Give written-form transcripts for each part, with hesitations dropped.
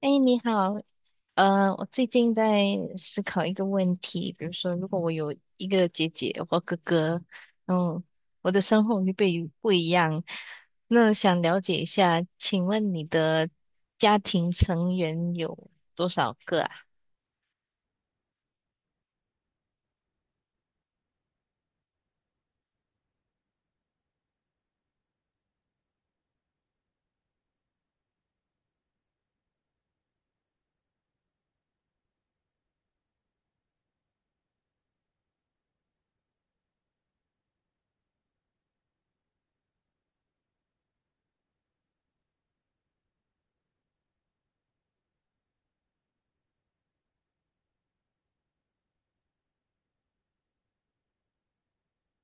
哎，你好。我最近在思考一个问题。比如说，如果我有一个姐姐或哥哥，然后我的生活会不被不一样。那想了解一下，请问你的家庭成员有多少个啊？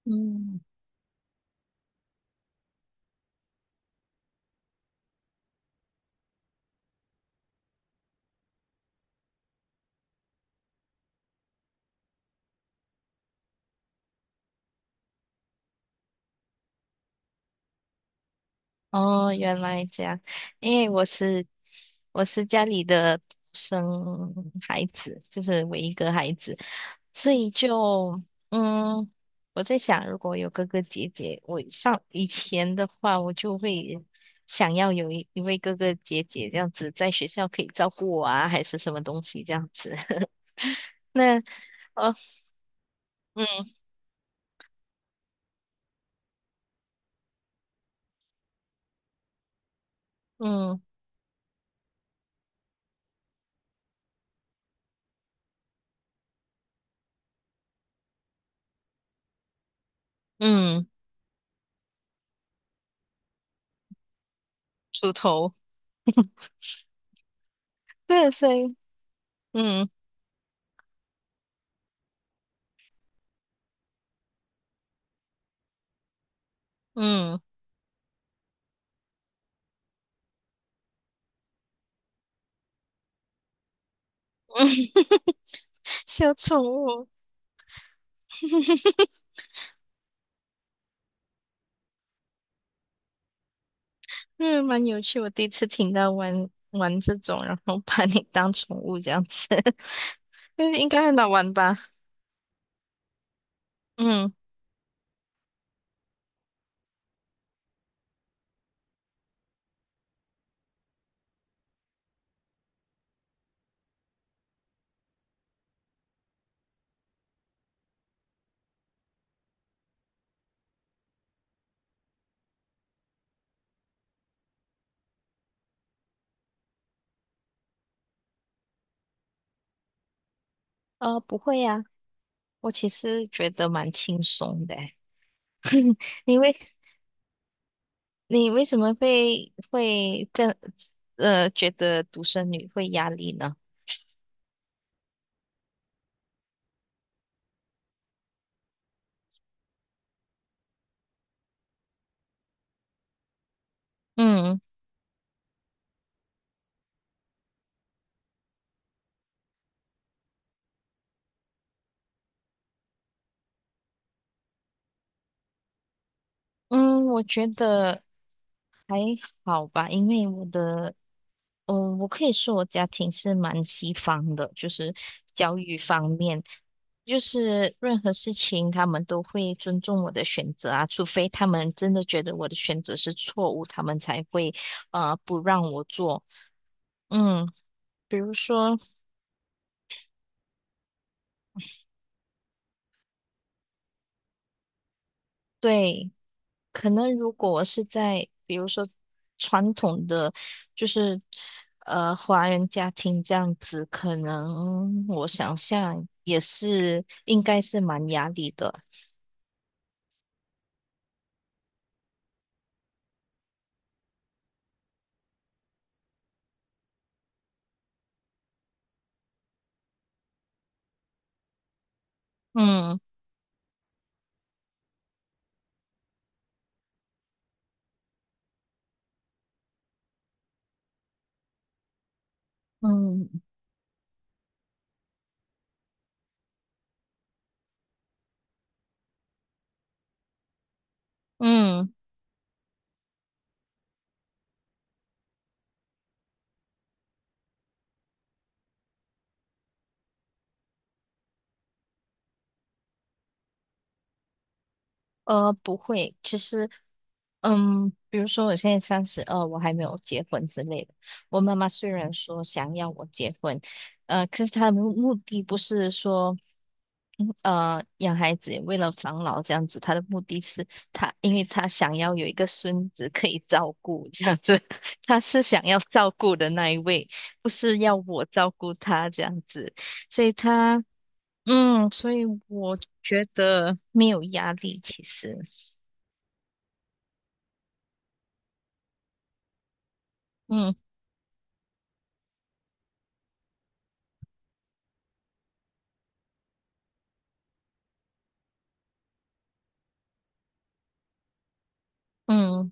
嗯。哦，原来这样。因为我是家里的独生孩子，就是唯一个孩子，所以就嗯，我在想，如果有哥哥姐姐，我上以前的话，我就会想要有一位哥哥姐姐这样子，在学校可以照顾我啊，还是什么东西这样子。那。哦。嗯嗯嗯。出头。对，所以嗯嗯，嗯小宠物。嗯，蛮有趣。我第一次听到玩这种，然后把你当宠物这样子。但是应该很好玩吧？嗯。不会呀、我其实觉得蛮轻松的欸。你为你为什么会这样觉得独生女会压力呢？嗯嗯。我觉得还好吧，因为我的我可以说我家庭是蛮西方的，就是教育方面。就是任何事情他们都会尊重我的选择啊，除非他们真的觉得我的选择是错误，他们才会不让我做。嗯。比如说，对，可能如果我是在比如说传统的就是华人家庭这样子，可能我想象也是应该是蛮压力的。嗯嗯嗯。不会，其实。嗯，比如说我现在32，我还没有结婚之类的。我妈妈虽然说想要我结婚，可是她的目的不是说，养孩子为了防老这样子。她的目的是她，因为她想要有一个孙子可以照顾这样子。她是想要照顾的那一位，不是要我照顾她这样子。所以她。嗯，所以我觉得没有压力，其实。嗯嗯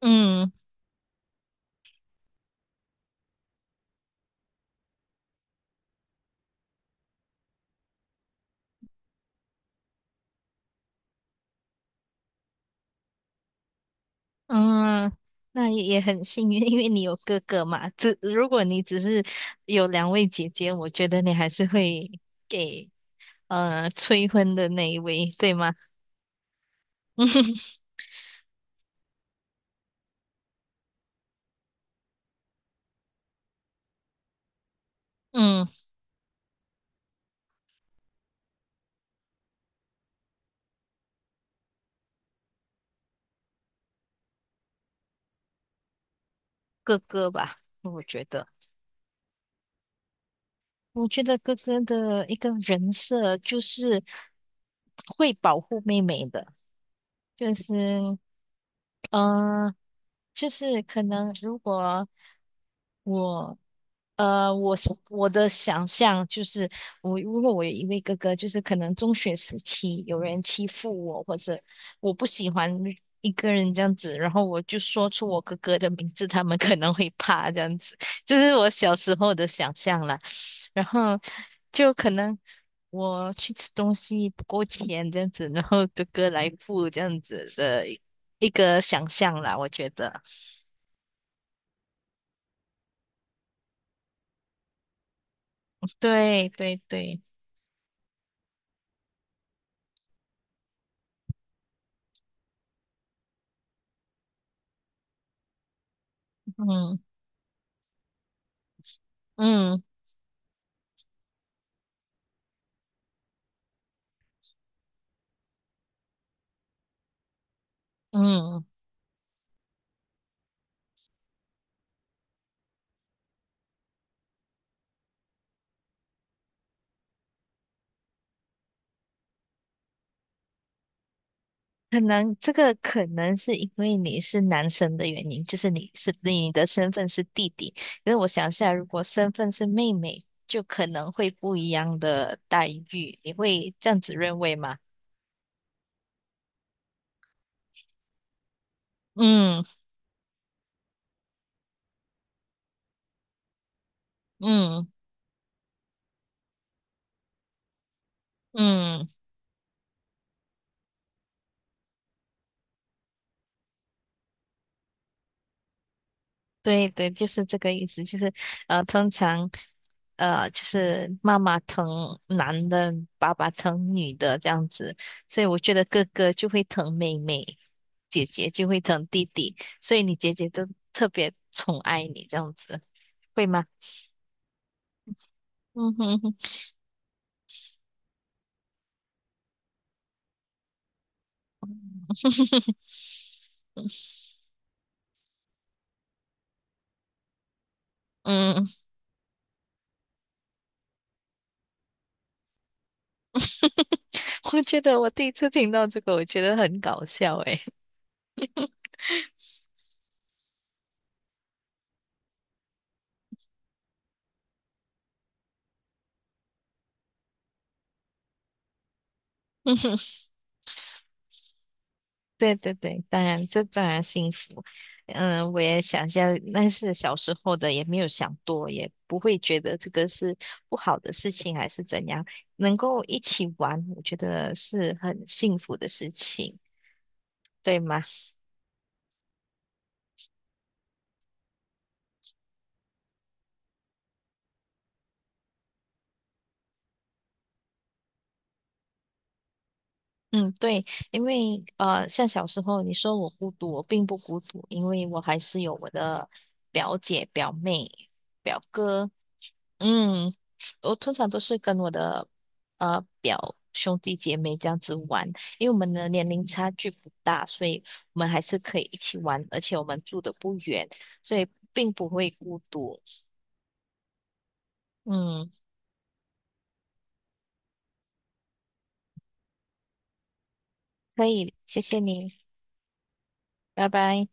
嗯嗯。那也也很幸运，因为你有哥哥嘛。只如果你只是有两位姐姐，我觉得你还是会给催婚的那一位，对吗？嗯，哥哥吧，我觉得。我觉得哥哥的一个人设就是会保护妹妹的，就是，呃，就是可能如果我我是我的想象就是，我如果我有一位哥哥，就是可能中学时期有人欺负我，或者我不喜欢一个人这样子，然后我就说出我哥哥的名字，他们可能会怕这样子，就是我小时候的想象啦。然后就可能我去吃东西不够钱这样子，然后哥哥来付这样子的一个想象啦，我觉得。对对对。嗯嗯。嗯，可能这个可能是因为你是男生的原因，就是你是你的身份是弟弟。可是我想一下，如果身份是妹妹，就可能会不一样的待遇。你会这样子认为吗？嗯嗯嗯。对对，就是这个意思。就是通常。就是妈妈疼男的，爸爸疼女的这样子，所以我觉得哥哥就会疼妹妹，姐姐就会疼弟弟，所以你姐姐都特别宠爱你这样子，会吗？嗯哼哼。嗯。我觉得我第一次听到这个，我觉得很搞笑诶。对对对，当然，这当然幸福。嗯，我也想一下，那是小时候的，也没有想多，也不会觉得这个是不好的事情还是怎样。能够一起玩，我觉得是很幸福的事情，对吗？嗯，对，因为像小时候你说我孤独，我并不孤独，因为我还是有我的表姐、表妹、表哥。嗯，我通常都是跟我的表兄弟姐妹这样子玩，因为我们的年龄差距不大，所以我们还是可以一起玩，而且我们住的不远，所以并不会孤独。嗯，可以，谢谢你，拜拜。